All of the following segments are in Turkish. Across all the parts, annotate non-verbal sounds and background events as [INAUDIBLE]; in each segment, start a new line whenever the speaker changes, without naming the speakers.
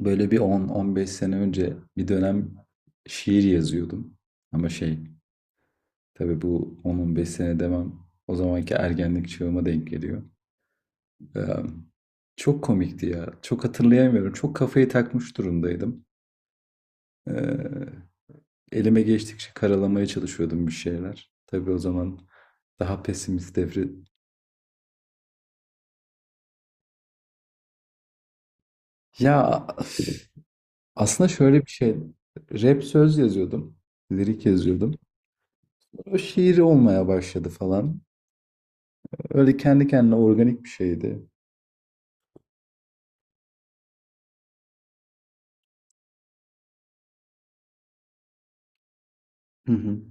Böyle bir 10-15 sene önce bir dönem şiir yazıyordum. Ama şey, tabii bu 10-15 sene demem o zamanki ergenlik çağıma denk geliyor. Ee, çok komikti ya. Çok hatırlayamıyorum. Çok kafayı takmış durumdaydım. Ee, elime geçtikçe karalamaya çalışıyordum bir şeyler. Tabii o zaman daha pesimist devri. Ya üf, aslında şöyle bir şey. Rap söz yazıyordum. Lirik yazıyordum. O şiir olmaya başladı falan. Öyle kendi kendine organik bir şeydi. Hı hı.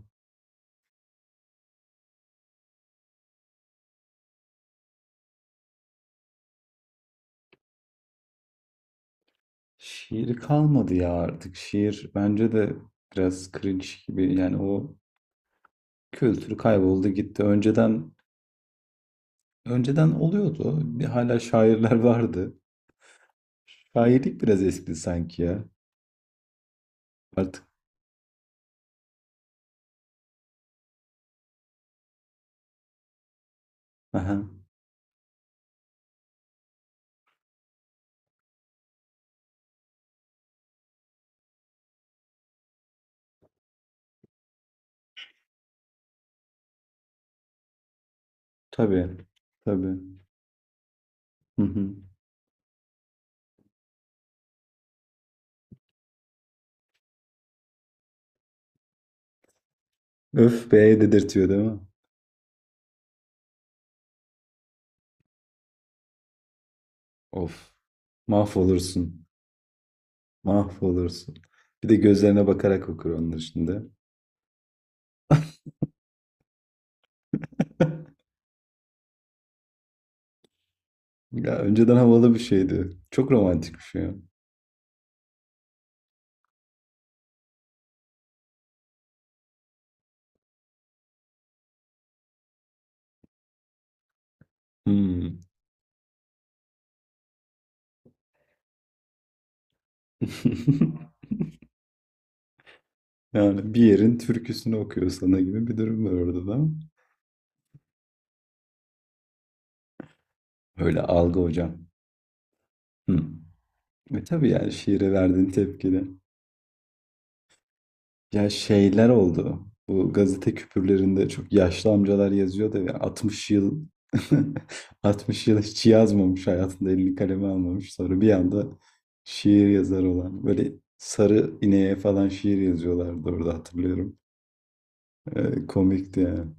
Şiiri kalmadı ya artık. Şiir bence de biraz cringe gibi. Yani o kültürü kayboldu gitti. Önceden oluyordu. Bir hala şairler [LAUGHS] vardı. Şairlik biraz eskidi sanki ya. Artık. Aha. Tabii. Tabii. Hı hı. Öf be, dedirtiyor değil mi? Of. Mahvolursun. Mahvolursun. Bir de gözlerine bakarak okur onlar şimdi. [LAUGHS] Ya önceden havalı bir şeydi. Çok romantik bir şey. Hmm. [LAUGHS] Yani bir yerin türküsünü okuyor sana gibi bir durum var orada da. Öyle algı hocam. Hmm. Ve tabii yani şiire verdiğin tepkide. Ya şeyler oldu. Bu gazete küpürlerinde çok yaşlı amcalar yazıyor da ya 60 yıl [LAUGHS] 60 yıl hiç yazmamış hayatında, elini kaleme almamış. Sonra bir anda şiir yazar olan. Böyle sarı ineğe falan şiir yazıyorlardı orada, hatırlıyorum. Komikti yani.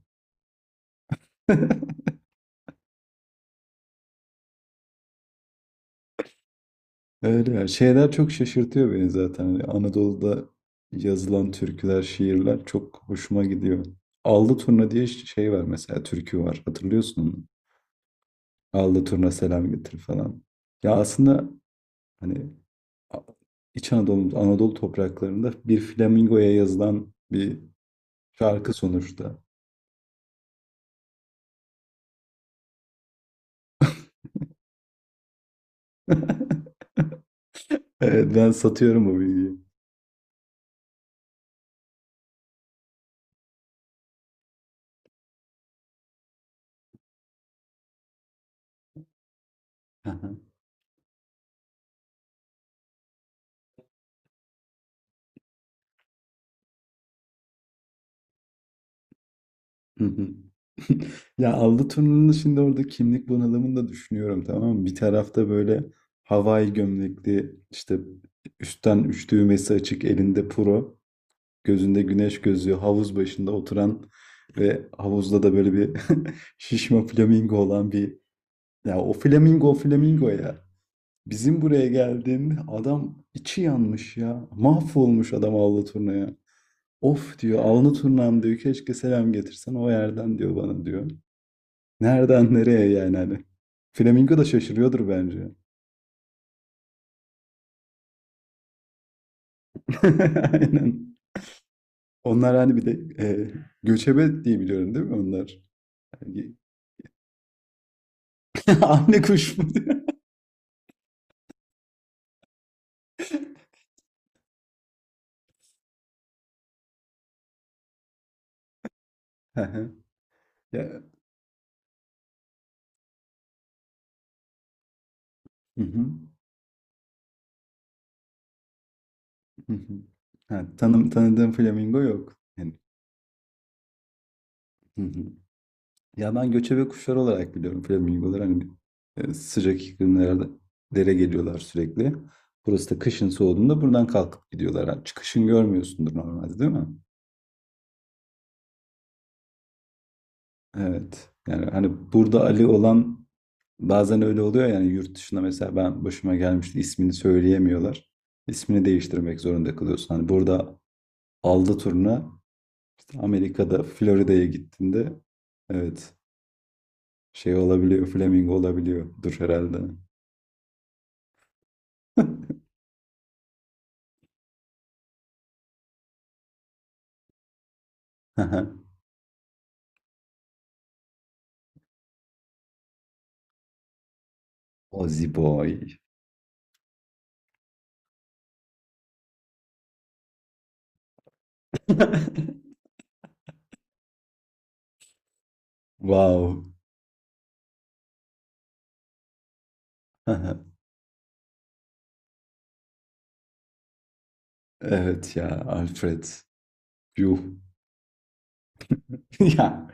[LAUGHS] Öyle ya. Şeyler çok şaşırtıyor beni zaten. Hani Anadolu'da yazılan türküler, şiirler çok hoşuma gidiyor. Allı turna diye şey var mesela, türkü var. Hatırlıyorsun mu? Allı turna selam getir falan. Ya aslında hani A- İç Anadolu, Anadolu topraklarında bir flamingoya yazılan bir şarkı sonuçta. [LAUGHS] Evet, ben satıyorum bu bilgiyi. Hı. [LAUGHS] Ya aldı turnunun şimdi orada kimlik bunalımını da düşünüyorum, tamam mı? Bir tarafta böyle havai gömlekli, işte üstten üç düğmesi açık, elinde puro, gözünde güneş gözlüğü, havuz başında oturan ve havuzda da böyle bir [LAUGHS] şişme flamingo olan bir, ya o flamingo o flamingo ya. Bizim buraya geldiğinde adam içi yanmış ya. Mahvolmuş adam avlu turnaya. Of diyor, avlu turnam diyor, keşke selam getirsen o yerden diyor bana diyor. Nereden nereye yani hani. Flamingo da şaşırıyordur bence. [LAUGHS] Aynen. Onlar hani bir de göçebe diye biliyorum, değil mi onlar? Hani- [LAUGHS] Anne kuş mu? [LAUGHS] Hı hı. Ya, hı hı, hı hı. Ha, tanıdığım flamingo yok. Yani, hı hı. Ya ben göçebe kuşlar olarak biliyorum flamingoları. Hani sıcak iklimlerde dere geliyorlar sürekli. Burası da kışın soğuduğunda buradan kalkıp gidiyorlar. Ha, çıkışın görmüyorsundur normalde, değil mi? Evet. Yani hani burada Ali olan bazen öyle oluyor yani. Yurt dışında mesela, ben başıma gelmişti, ismini söyleyemiyorlar. İsmini değiştirmek zorunda kalıyorsun. Hani burada aldı turuna, işte Amerika'da Florida'ya gittiğinde evet, şey olabiliyor, flamingo olabiliyordur herhalde. [LAUGHS] Ozzy boy. [LAUGHS] Wow. [LAUGHS] Evet ya, Alfred. Yuh. [LAUGHS] Ya.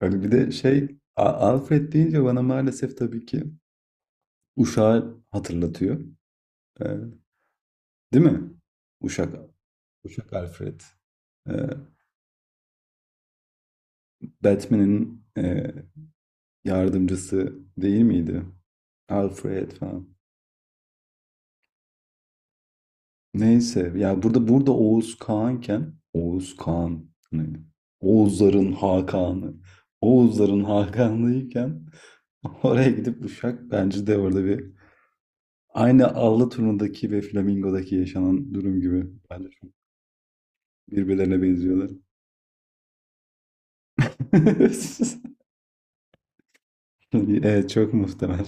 Hani bir de şey, Alfred deyince bana maalesef tabii ki Uşak'ı hatırlatıyor. Eee, değil mi? Uşak Uşak Alfred. Eee, Batman'in, yardımcısı değil miydi? Alfred falan. Neyse, ya burada Oğuz Kağan'ken, Oğuz Kağan neydi? Oğuzların Hakan'ı. Oğuzların Hakan'lıyken [LAUGHS] oraya gidip Uşak, bence de orada bir aynı Allı turnundaki ve Flamingo'daki yaşanan durum gibi. Bence çok birbirlerine benziyorlar. [LAUGHS] [LAUGHS] Evet, çok muhtemel.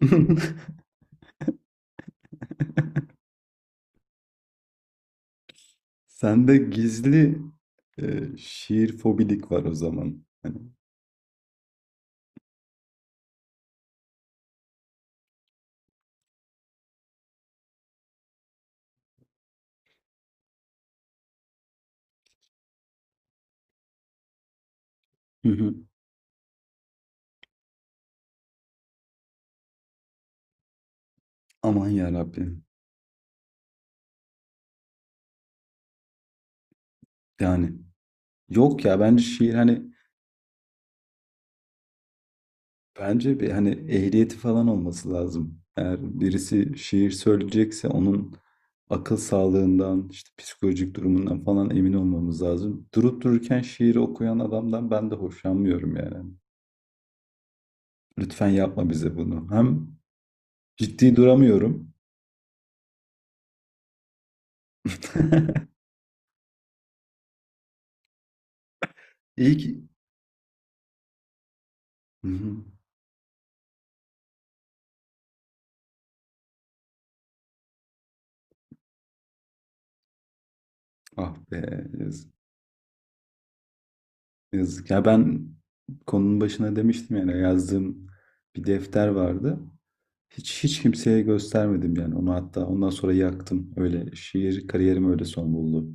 [LAUGHS] Sende gizli şiir fobilik var o zaman. Hani, hı hı. Aman ya Rabbim. Yani yok ya, bence şiir hani, bence bir hani ehliyeti falan olması lazım. Eğer birisi şiir söyleyecekse onun akıl sağlığından, işte psikolojik durumundan falan emin olmamız lazım. Durup dururken şiiri okuyan adamdan ben de hoşlanmıyorum yani. Lütfen yapma bize bunu. Hem ciddi duramıyorum. [LAUGHS] İyi ki. Hı hı. Ah be, yazık. Yazık. Ya ben konunun başına demiştim yani, yazdığım bir defter vardı. Hiç hiç kimseye göstermedim yani onu, hatta ondan sonra yaktım. Öyle şiir kariyerim öyle son buldu.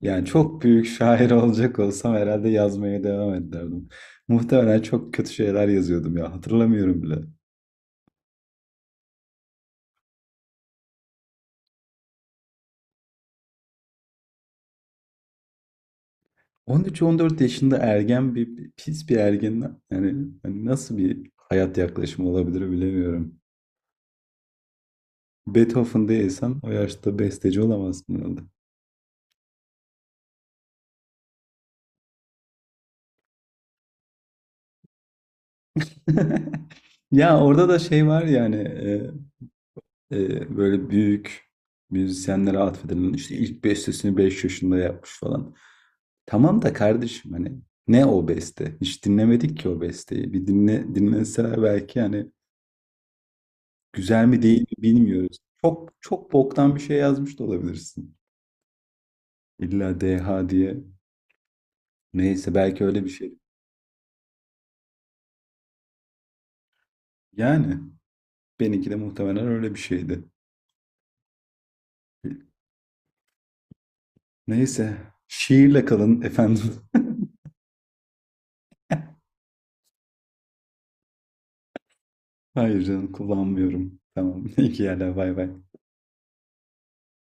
Yani çok büyük şair [LAUGHS] olacak olsam herhalde yazmaya devam ederdim. Muhtemelen çok kötü şeyler yazıyordum ya, hatırlamıyorum bile. 13-14 yaşında ergen, pis bir ergen yani, hani nasıl bir hayat yaklaşımı olabilir bilemiyorum. Beethoven değilsen o yaşta besteci olamazsın herhalde. [LAUGHS] Ya orada da şey var yani, böyle büyük müzisyenlere atfedilen işte ilk bestesini 5 yaşında yapmış falan. Tamam da kardeşim hani, ne o beste? Hiç dinlemedik ki o besteyi. Bir dinleseler belki yani, güzel mi değil mi bilmiyoruz. Çok çok boktan bir şey yazmış da olabilirsin. İlla DH diye. Neyse, belki öyle bir şey. Yani benimki de muhtemelen öyle bir şeydi. Neyse. Şiirle kalın efendim. [LAUGHS] Hayır canım, kullanmıyorum. Tamam. [LAUGHS] İyi ki yerler. Bay bay.